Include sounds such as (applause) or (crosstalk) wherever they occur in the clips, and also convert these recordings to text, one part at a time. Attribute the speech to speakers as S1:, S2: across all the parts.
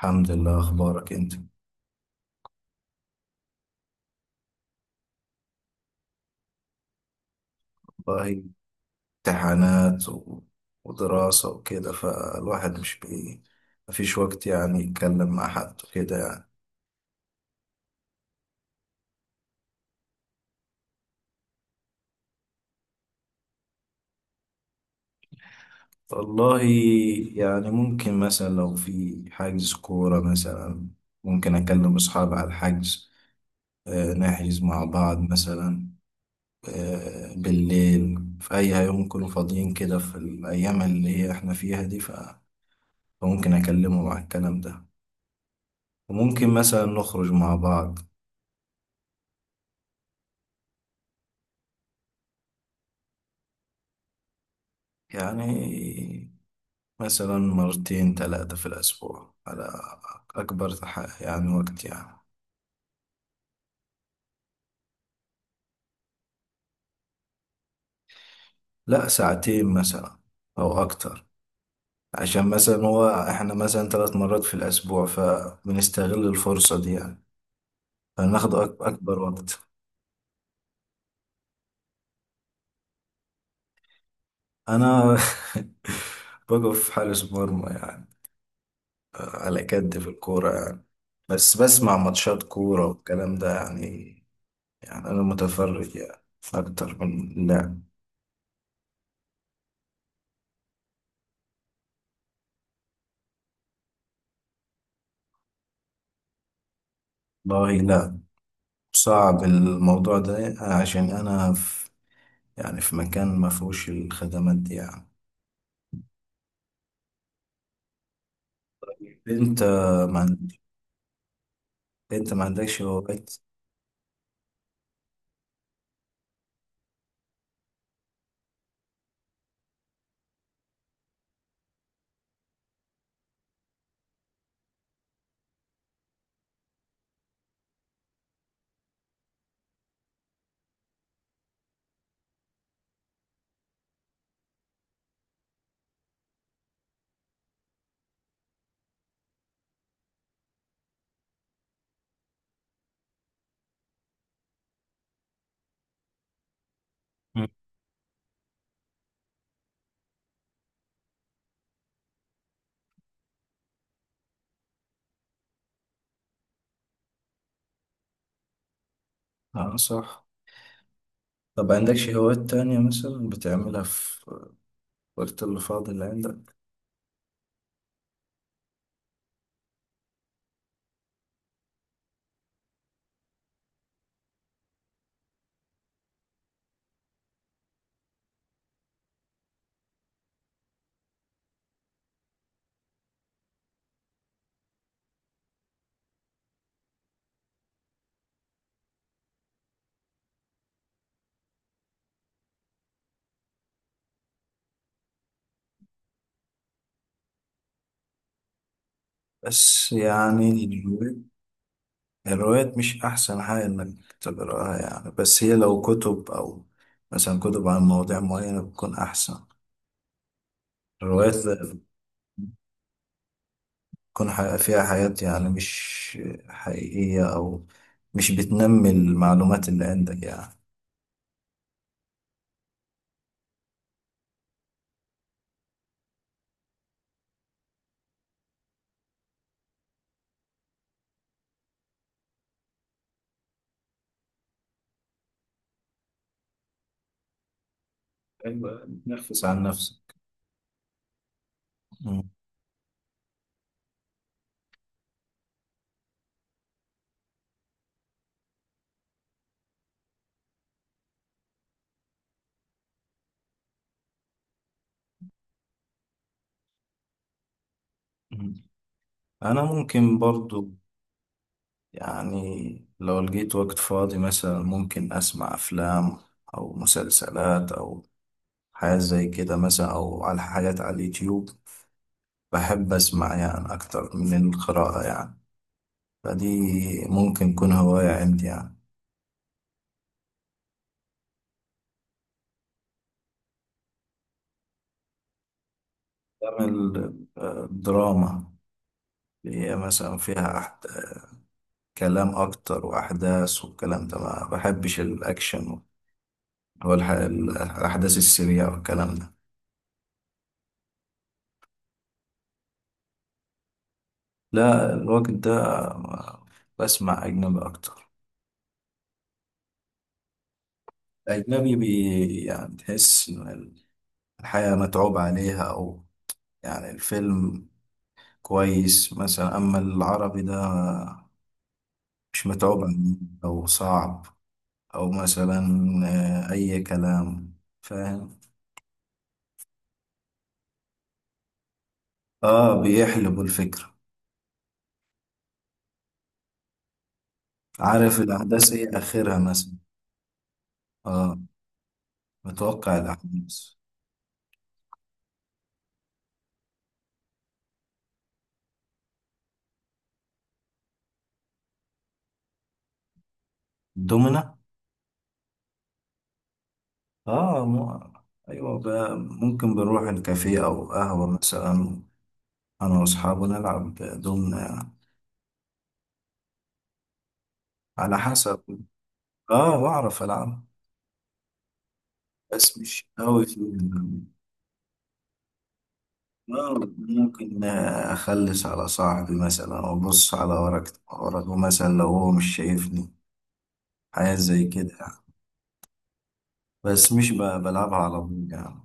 S1: الحمد لله. اخبارك انت؟ والله، امتحانات ودراسة وكده، فالواحد مش بي مفيش وقت يعني يتكلم مع حد وكده يعني. والله، يعني ممكن مثلا لو في حجز كورة مثلا، ممكن أكلم أصحابي على الحجز. نحجز مع بعض مثلا. بالليل في أي يوم يكونوا فاضيين كده، في الأيام اللي هي إحنا فيها دي، فممكن أكلمهم على الكلام ده. وممكن مثلا نخرج مع بعض. يعني مثلا مرتين ثلاثة في الأسبوع، على يعني وقت يعني. لا، ساعتين مثلا أو أكتر، عشان مثلا هو إحنا مثلا 3 مرات في الأسبوع، فبنستغل الفرصة دي يعني، فناخد أكبر وقت. أنا (laughs) بقف حارس مرمى يعني، على كد في الكورة يعني. بس بسمع ماتشات كورة والكلام ده يعني، يعني أنا متفرج يعني أكتر من اللعب. والله لا، صعب الموضوع ده عشان أنا في، يعني في مكان ما فيهوش الخدمات دي يعني. أنت ما عند- أنت ما عندكش هوايات؟ مم. اه صح. طب عندكش هوايات تانية مثلا بتعملها في الوقت اللي فاضي اللي عندك؟ بس يعني الهوايات، الروايات مش أحسن حاجة إنك تقراها يعني، بس هي لو كتب أو مثلا كتب عن مواضيع معينة بتكون أحسن. الروايات تكون فيها حياة يعني مش حقيقية، أو مش بتنمي المعلومات اللي عندك يعني. ايوه بتنفس عنها نفسك. مم. مم. أنا ممكن برضو، يعني لو لقيت وقت فاضي مثلا، ممكن أسمع أفلام أو مسلسلات أو حاجات زي كده مثلا، أو على حاجات على اليوتيوب. بحب أسمع يعني أكتر من القراءة يعني، فدي ممكن تكون هواية عندي يعني. بعمل دراما، اللي هي مثلا كلام أكتر وأحداث والكلام ده. ما بحبش الأكشن الأحداث السريعة والكلام ده. لا الوقت ده ما- بسمع أجنبي أكتر. الأجنبي يعني تحس إن الحياة متعوب عليها، أو يعني الفيلم كويس مثلا، أما العربي ده مش متعوب عليه أو صعب، أو مثلا أي كلام، فاهم. آه بيحلبوا الفكرة، عارف الأحداث إيه آخرها مثلا. آه متوقع الأحداث. دومنا. آه مو... أيوة بقى، ممكن بنروح الكافيه أو قهوة مثلا، أنا وأصحابي نلعب دومنا يعني. على حسب. آه بعرف ألعب، بس مش قوي فيهم. آه ممكن أخلص على صاحبي مثلا، أو أبص على ورقه مثلا لو هو مش شايفني، حاجات زي كده يعني. بس مش ب- بلعبها على طول يعني.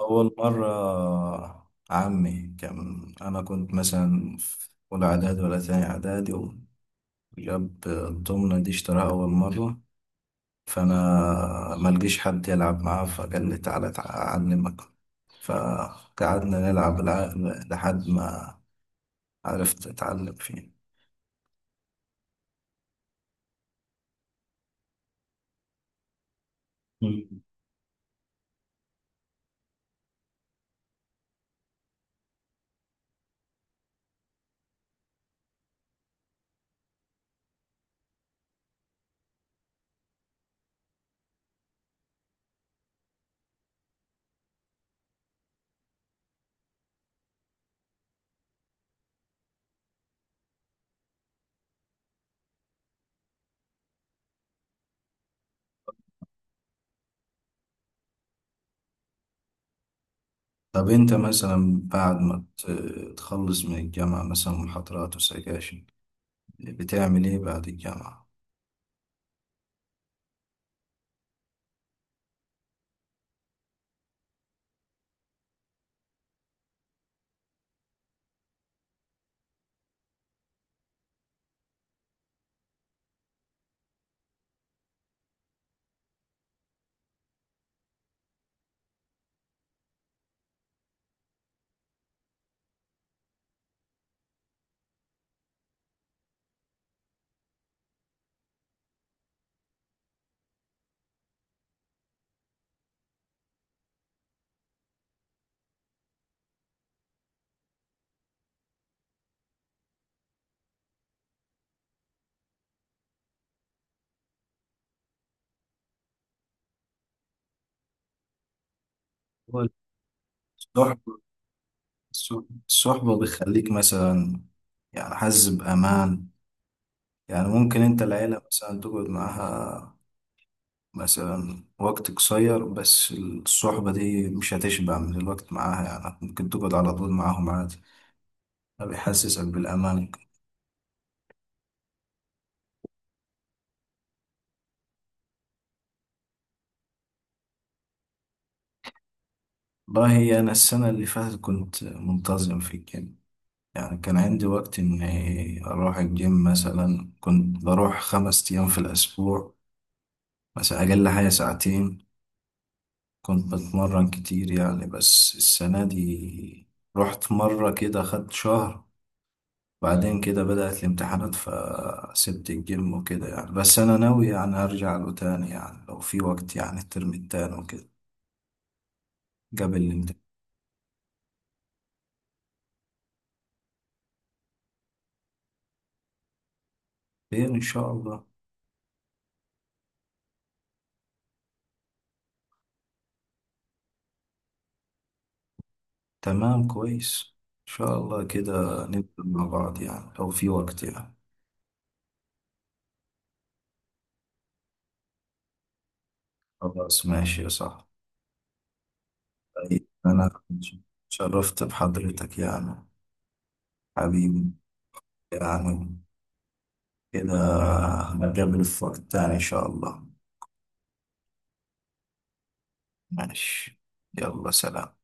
S1: أول مرة عمي كان، أنا كنت مثلا في أولى إعدادي ولا تاني إعدادي، وجاب الضمنة دي اشتراها أول مرة، فأنا ملقيش حد يلعب معاه، فقال لي تعالى أعلمك. فقعدنا نلعب لحد ما عرفت أتعلم فيه. مم. طب أنت مثلا بعد ما تخلص من الجامعة مثلا، محاضرات وسكاشن، بتعمل إيه بعد الجامعة؟ هو تروح الصح- الصحبة بتخليك مثلا، يعني حاسس بأمان؟ يعني ممكن أنت العيلة مثلا تقعد معاها مثلا وقت قصير، بس الصحبة دي مش هتشبع من الوقت معاها، يعني ممكن تقعد على طول معاهم عادي. ده بيحسسك بالأمان. والله أنا السنة اللي فاتت كنت منتظم في الجيم، يعني كان عندي وقت إني أروح الجيم مثلا، كنت بروح 5 أيام في الأسبوع، مثلا أقل حاجة ساعتين، كنت بتمرن كتير يعني. بس السنة دي رحت مرة كده، خدت شهر، بعدين كده بدأت الامتحانات فسبت الجيم وكده يعني. بس أنا ناوي يعني أرجع له تاني يعني، لو في وقت يعني، الترم التاني وكده، قبل الامتحان. إن شاء الله. تمام كويس، إن شاء الله كده نبدأ مع بعض يعني لو في وقت يعني. خلاص ماشي يا صاحبي. طيب، أنا اتشرفت بحضرتك يعني، حبيبي. يعني كده هنقابل في وقت تاني إن شاء الله. ماشي، يلا سلام.